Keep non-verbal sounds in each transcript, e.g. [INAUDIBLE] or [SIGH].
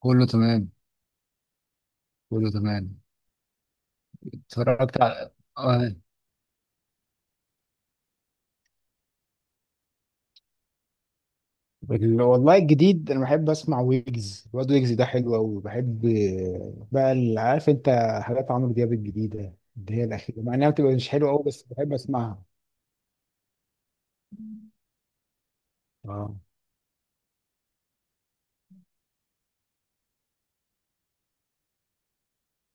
كله تمام. كله تمام. اتفرجت على آه، والله الجديد، انا بحب اسمع ويجز، الواد ويجز ده حلو قوي، وبحب عارف انت، حاجات عمرو دياب الجديده، اللي هي الاخيره، مع انها بتبقى مش حلوه قوي بس بحب اسمعها. اه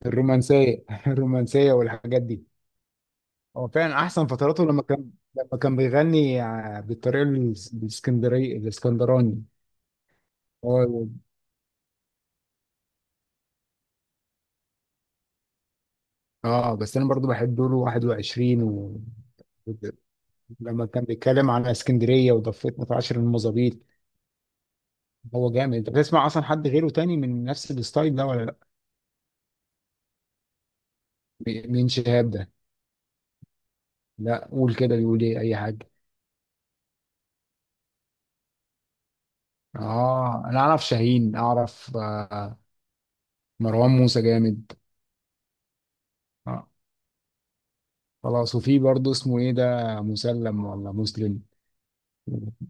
الرومانسيه [LAUGHS] الرومانسيه والحاجات دي. هو فعلا احسن فتراته لما كان بيغني بالطريقه الاسكندراني. هو اه بس انا برضو بحب دوره 21 و لما كان بيتكلم على اسكندريه وضفت متعشر المظابيط. هو جامد. انت بتسمع اصلا حد غيره تاني من نفس الستايل ده ولا لا؟ مين شهاب ده؟ لا قول كده، بيقول ايه، اي حاجه. اه، انا اعرف شاهين، اعرف. مروان موسى جامد. آه. خلاص. وفي برضه اسمه ايه ده، مسلم ولا مسلم؟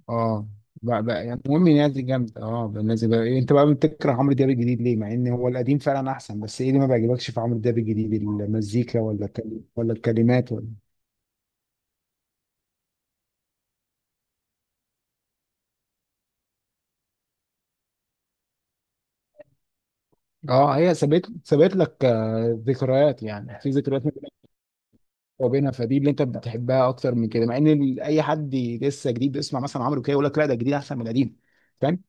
اه. بقى يعني المهم الناس دي جامده. اه بقى، الناس دي بقى إيه، انت بقى بتكره عمرو دياب الجديد ليه مع ان هو القديم فعلا احسن؟ بس ايه اللي ما بيعجبكش في عمرو دياب الجديد، المزيكا ولا ولا الكلمات ولا... اه هي سابت لك ذكريات، يعني في ذكريات ما بينك وبينها، فدي اللي انت بتحبها اكتر من كده. مع ان اي حد لسه جديد بيسمع مثلا عمرو كده يقول لك لا ده جديد احسن من القديم، فاهم.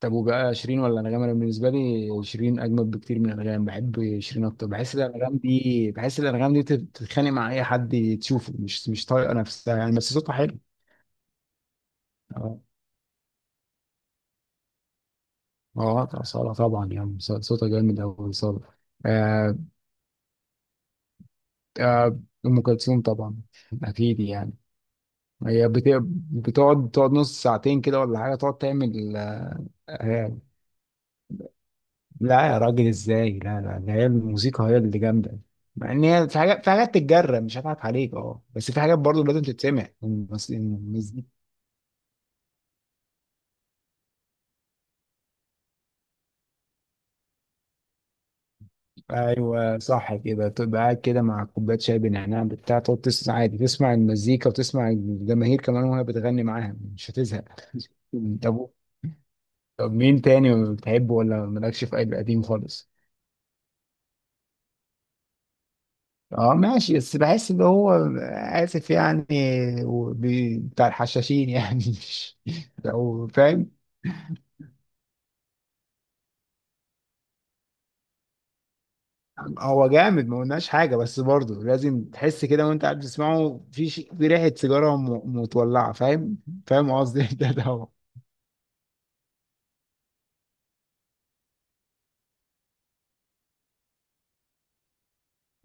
طب وبقى شيرين ولا انغام؟ انا بالنسبه لي شيرين اجمد بكتير من انغام، بحب شيرين اكتر، بحس ان الانغام دي بتتخانق مع اي حد تشوفه، مش طايقه نفسها يعني، بس صوتها حلو. اه. اه صالة طبعا، يعني صوتها جامد قوي صالة. آه، آه، ام كلثوم طبعا. اكيد يعني. هي بتقعد نص ساعتين كده، ولا حاجة تقعد تعمل. آه، لا يا راجل ازاي، لا لا، ده هي الموسيقى هي اللي جامدة. مع ان هي في حاجات تتجرب مش هضحك عليك، اه، بس في حاجات برضه لازم تتسمع ايوه صح كده، تبقى قاعد كده مع كوباية شاي بنعناع بتاع، تقعد تسمع عادي، تسمع المزيكا وتسمع الجماهير كمان وهي بتغني معاها، مش هتزهق. طب، طب مين تاني بتحبه، ولا مالكش في أي قديم خالص؟ اه ماشي، بس بحس ان هو اسف يعني، بتاع الحشاشين يعني [LAUGHS] مش لو فاهم. هو جامد ما قلناش حاجه، بس برضه لازم تحس كده وانت قاعد بتسمعه في في ريحه سيجاره متولعه، فاهم. فاهم قصدي [LAUGHS] ده هو.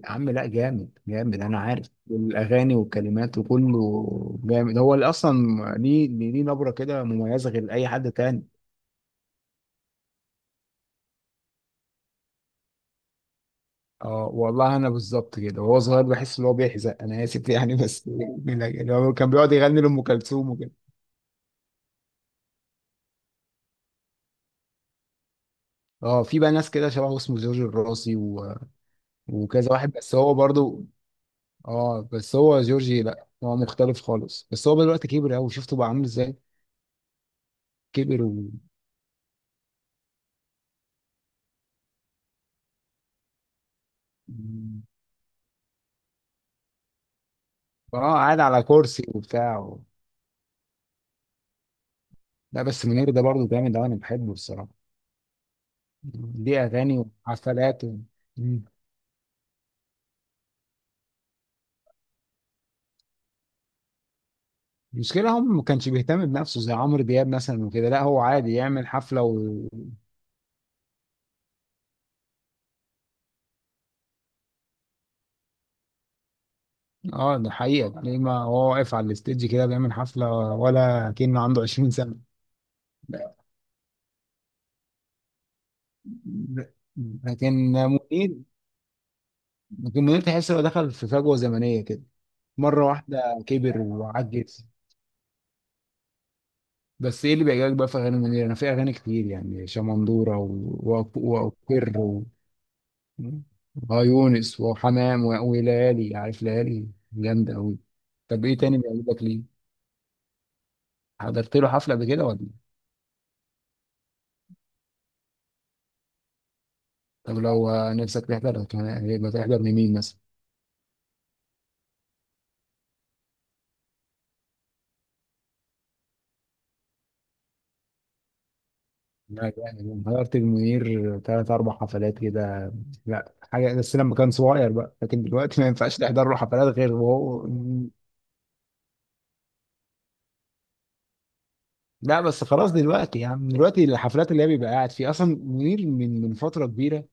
يا عم لا، جامد جامد، انا عارف، والاغاني والكلمات وكله جامد، هو اللي اصلا ليه، نبره كده مميزه غير اي حد تاني. اه والله انا بالظبط كده، وهو صغير بحس ان هو بيحزق، انا اسف يعني، بس يعني هو كان بيقعد يغني لام كلثوم وكده. اه في بقى ناس كده شبهه، اسمه جورج الراسي و... وكذا واحد، بس هو برضو. اه بس هو جورجي، لا هو مختلف خالص، بس هو دلوقتي كبر قوي، شفته بقى عامل ازاي. كبر و... اه قاعد على كرسي وبتاع و... لا بس منير ده برضو جامد أوي، انا بحبه الصراحه، ليه اغاني وحفلات. المشكلة هم ما كانش بيهتم بنفسه زي عمرو دياب مثلا وكده، لا هو عادي يعمل حفلة و... اه ده حقيقة، ليه ما هو واقف على الستيج كده بيعمل حفلة ولا كأنه عنده 20 سنة. ب- لكن منير، لكن منير تحس انه دخل في فجوة زمنية كده، مرة واحدة كبر وعجز. بس ايه اللي بيعجبك بقى في اغاني منير؟ انا في اغاني كتير يعني شمندورة واقر. مم. اه يونس وحمام وليالي، عارف ليالي جامدة أوي. طب إيه تاني بيعجبك لك ليه؟ حضرت له حفلة قبل كده ولا؟ طب لو نفسك تحضر يبقى تحضر لمين مثلا؟ لا يعني حضرت المنير تلات أربع حفلات كده. لا حاجة، بس لما كان صغير بقى، لكن دلوقتي ما ينفعش تحضر له حفلات غير وهو... لا بس خلاص دلوقتي، يعني دلوقتي الحفلات اللي هي بيبقى قاعد فيها أصلا منير من فترة كبيرة.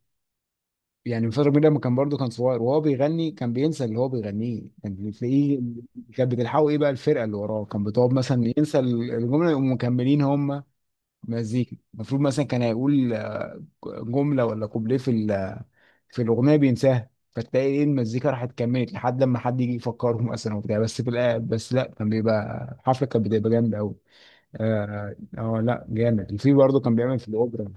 يعني مصطفى غريب لما كان برضه كان صغير وهو بيغني كان بينسى اللي هو بيغنيه، كان تلاقيه كانت بتلحقه ايه بقى الفرقه اللي وراه، كان بتقعد مثلا ينسى الجمله يقوموا مكملين هم مزيكا المفروض. مثلا كان هيقول جمله ولا كوبليه في في الاغنيه بينساها، فتلاقي ايه المزيكا راحت كملت لحد لما حد يجي يفكره مثلا وبتاع. بس لا، كان بيبقى الحفله، كانت بتبقى جامده قوي. اه لا جامد، وفي برضه كان بيعمل في الاوبرا.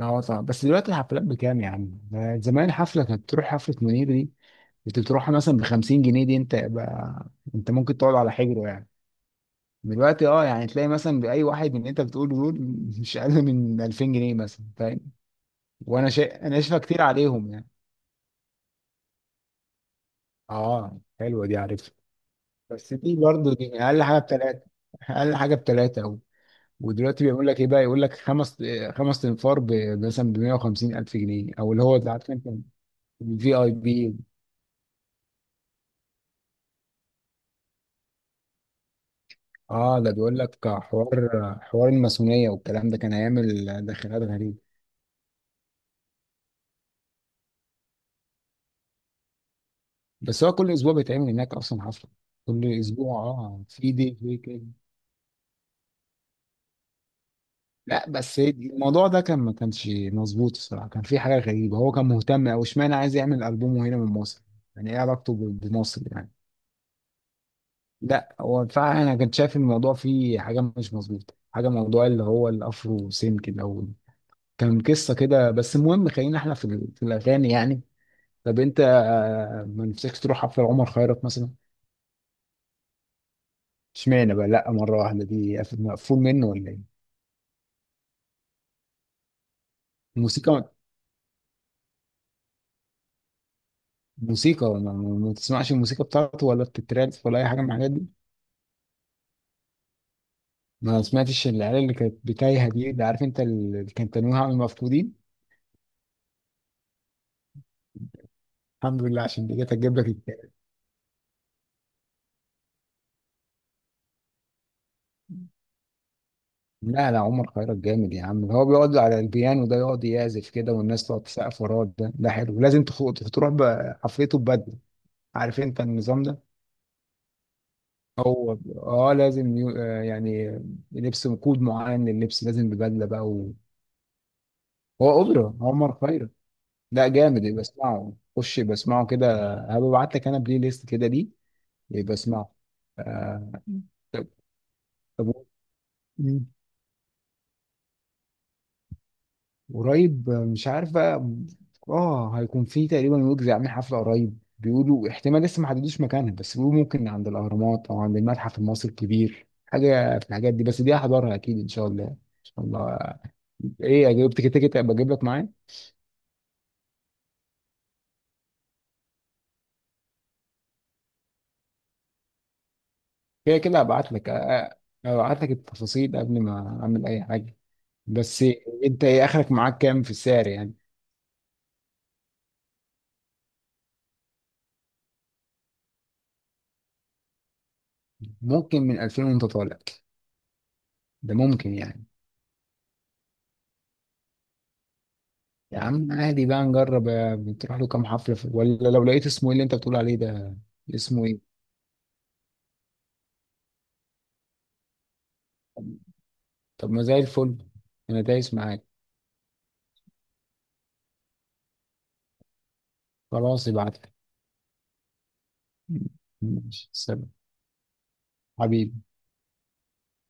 اه طبعا، بس دلوقتي الحفلات بكام يا عم؟ ده زمان حفلة، كانت تروح حفلة منير دي، كنت بتروح مثلا ب 50 جنيه. دي انت بقى، انت ممكن تقعد على حجره يعني. دلوقتي اه يعني، تلاقي مثلا بأي واحد من اللي انت بتقوله دول مش أقل من 2000 جنيه مثلا، فاهم؟ وانا شا... انا شايفها كتير عليهم يعني. اه حلوة دي، عارفها. بس دي برضه دي أقل حاجة بتلاتة، أقل حاجة بتلاتة و... ودلوقتي بيقول لك ايه بقى، يقول لك خمس تنفار مثلا ب 150 الف جنيه، او اللي هو ده، عارف انت. الفي اي بي. اه ده بيقول لك حوار، حوار الماسونيه والكلام ده، كان هيعمل داخلات غريبه. بس هو كل اسبوع بيتعمل هناك اصلا حفله. كل اسبوع اه، في دي في كده. لا بس الموضوع ده كان، ما كانش مظبوط الصراحه، كان في حاجه غريبه. هو كان مهتم او اشمعنى عايز يعمل البومه هنا من مصر، يعني ايه علاقته بمصر يعني. لا هو فعلا، انا كنت شايف الموضوع فيه حاجه مش مظبوطه، حاجه، موضوع اللي هو الافرو سينك الاول كان قصه كده. بس المهم خلينا احنا في في الاغاني يعني. طب انت ما نفسكش تروح حفله عمر خيرت مثلا؟ اشمعنى بقى؟ لا، مره واحده دي مقفول منه، ولا ايه؟ الموسيقى، موسيقى ما تسمعش الموسيقى بتاعته، ولا بتترانس، ولا اي حاجه من الحاجات دي؟ ما سمعتش العيال اللي كانت بتايهه دي، اللي عارف انت، اللي كانت تنويها عن المفقودين؟ الحمد لله، عشان دي كانت هتجيب لك اكتئاب. لا لا، عمر خيرت جامد يا عم، هو بيقعد على البيانو ده يقعد يعزف كده، والناس تقعد تسقف وراه، ده ده حلو. لازم تروح بقى حفلته ببدله، عارف انت النظام ده. هو، اه لازم يعني لبس كود معين للبس، لازم ببدله بقى و... هو اوبرا عمر خيرت. لا جامد، يبقى اسمعه، خش يبقى اسمعه كده، هبعت لك انا بلاي ليست كده دي، يبقى اسمعه. آه... طب. طب و... مم. قريب مش عارف بقى. اه هيكون في تقريبا ويجز عامل حفله قريب، بيقولوا احتمال لسه ما حددوش مكانها، بس بيقولوا ممكن عند الاهرامات او عند المتحف المصري الكبير، حاجه في الحاجات دي. بس دي هحضرها اكيد ان شاء الله ان شاء الله. ايه يعني، جبت كده كده ابقى اجيب لك معايا. كده كده هبعت لك. هبعت لك التفاصيل قبل ما اعمل اي حاجه. بس انت ايه اخرك، معاك كام في السعر يعني؟ ممكن من 2000 وانت طالع، ده ممكن يعني. يا عم عادي بقى، نجرب بتروح له كام حفله في... ولا لو لقيت اسمه ايه اللي انت بتقول عليه ده؟ اسمه ايه؟ طب ما زي الفل، انا دايس معاك. خلاص ابعت لك. ماشي سلام حبيبي.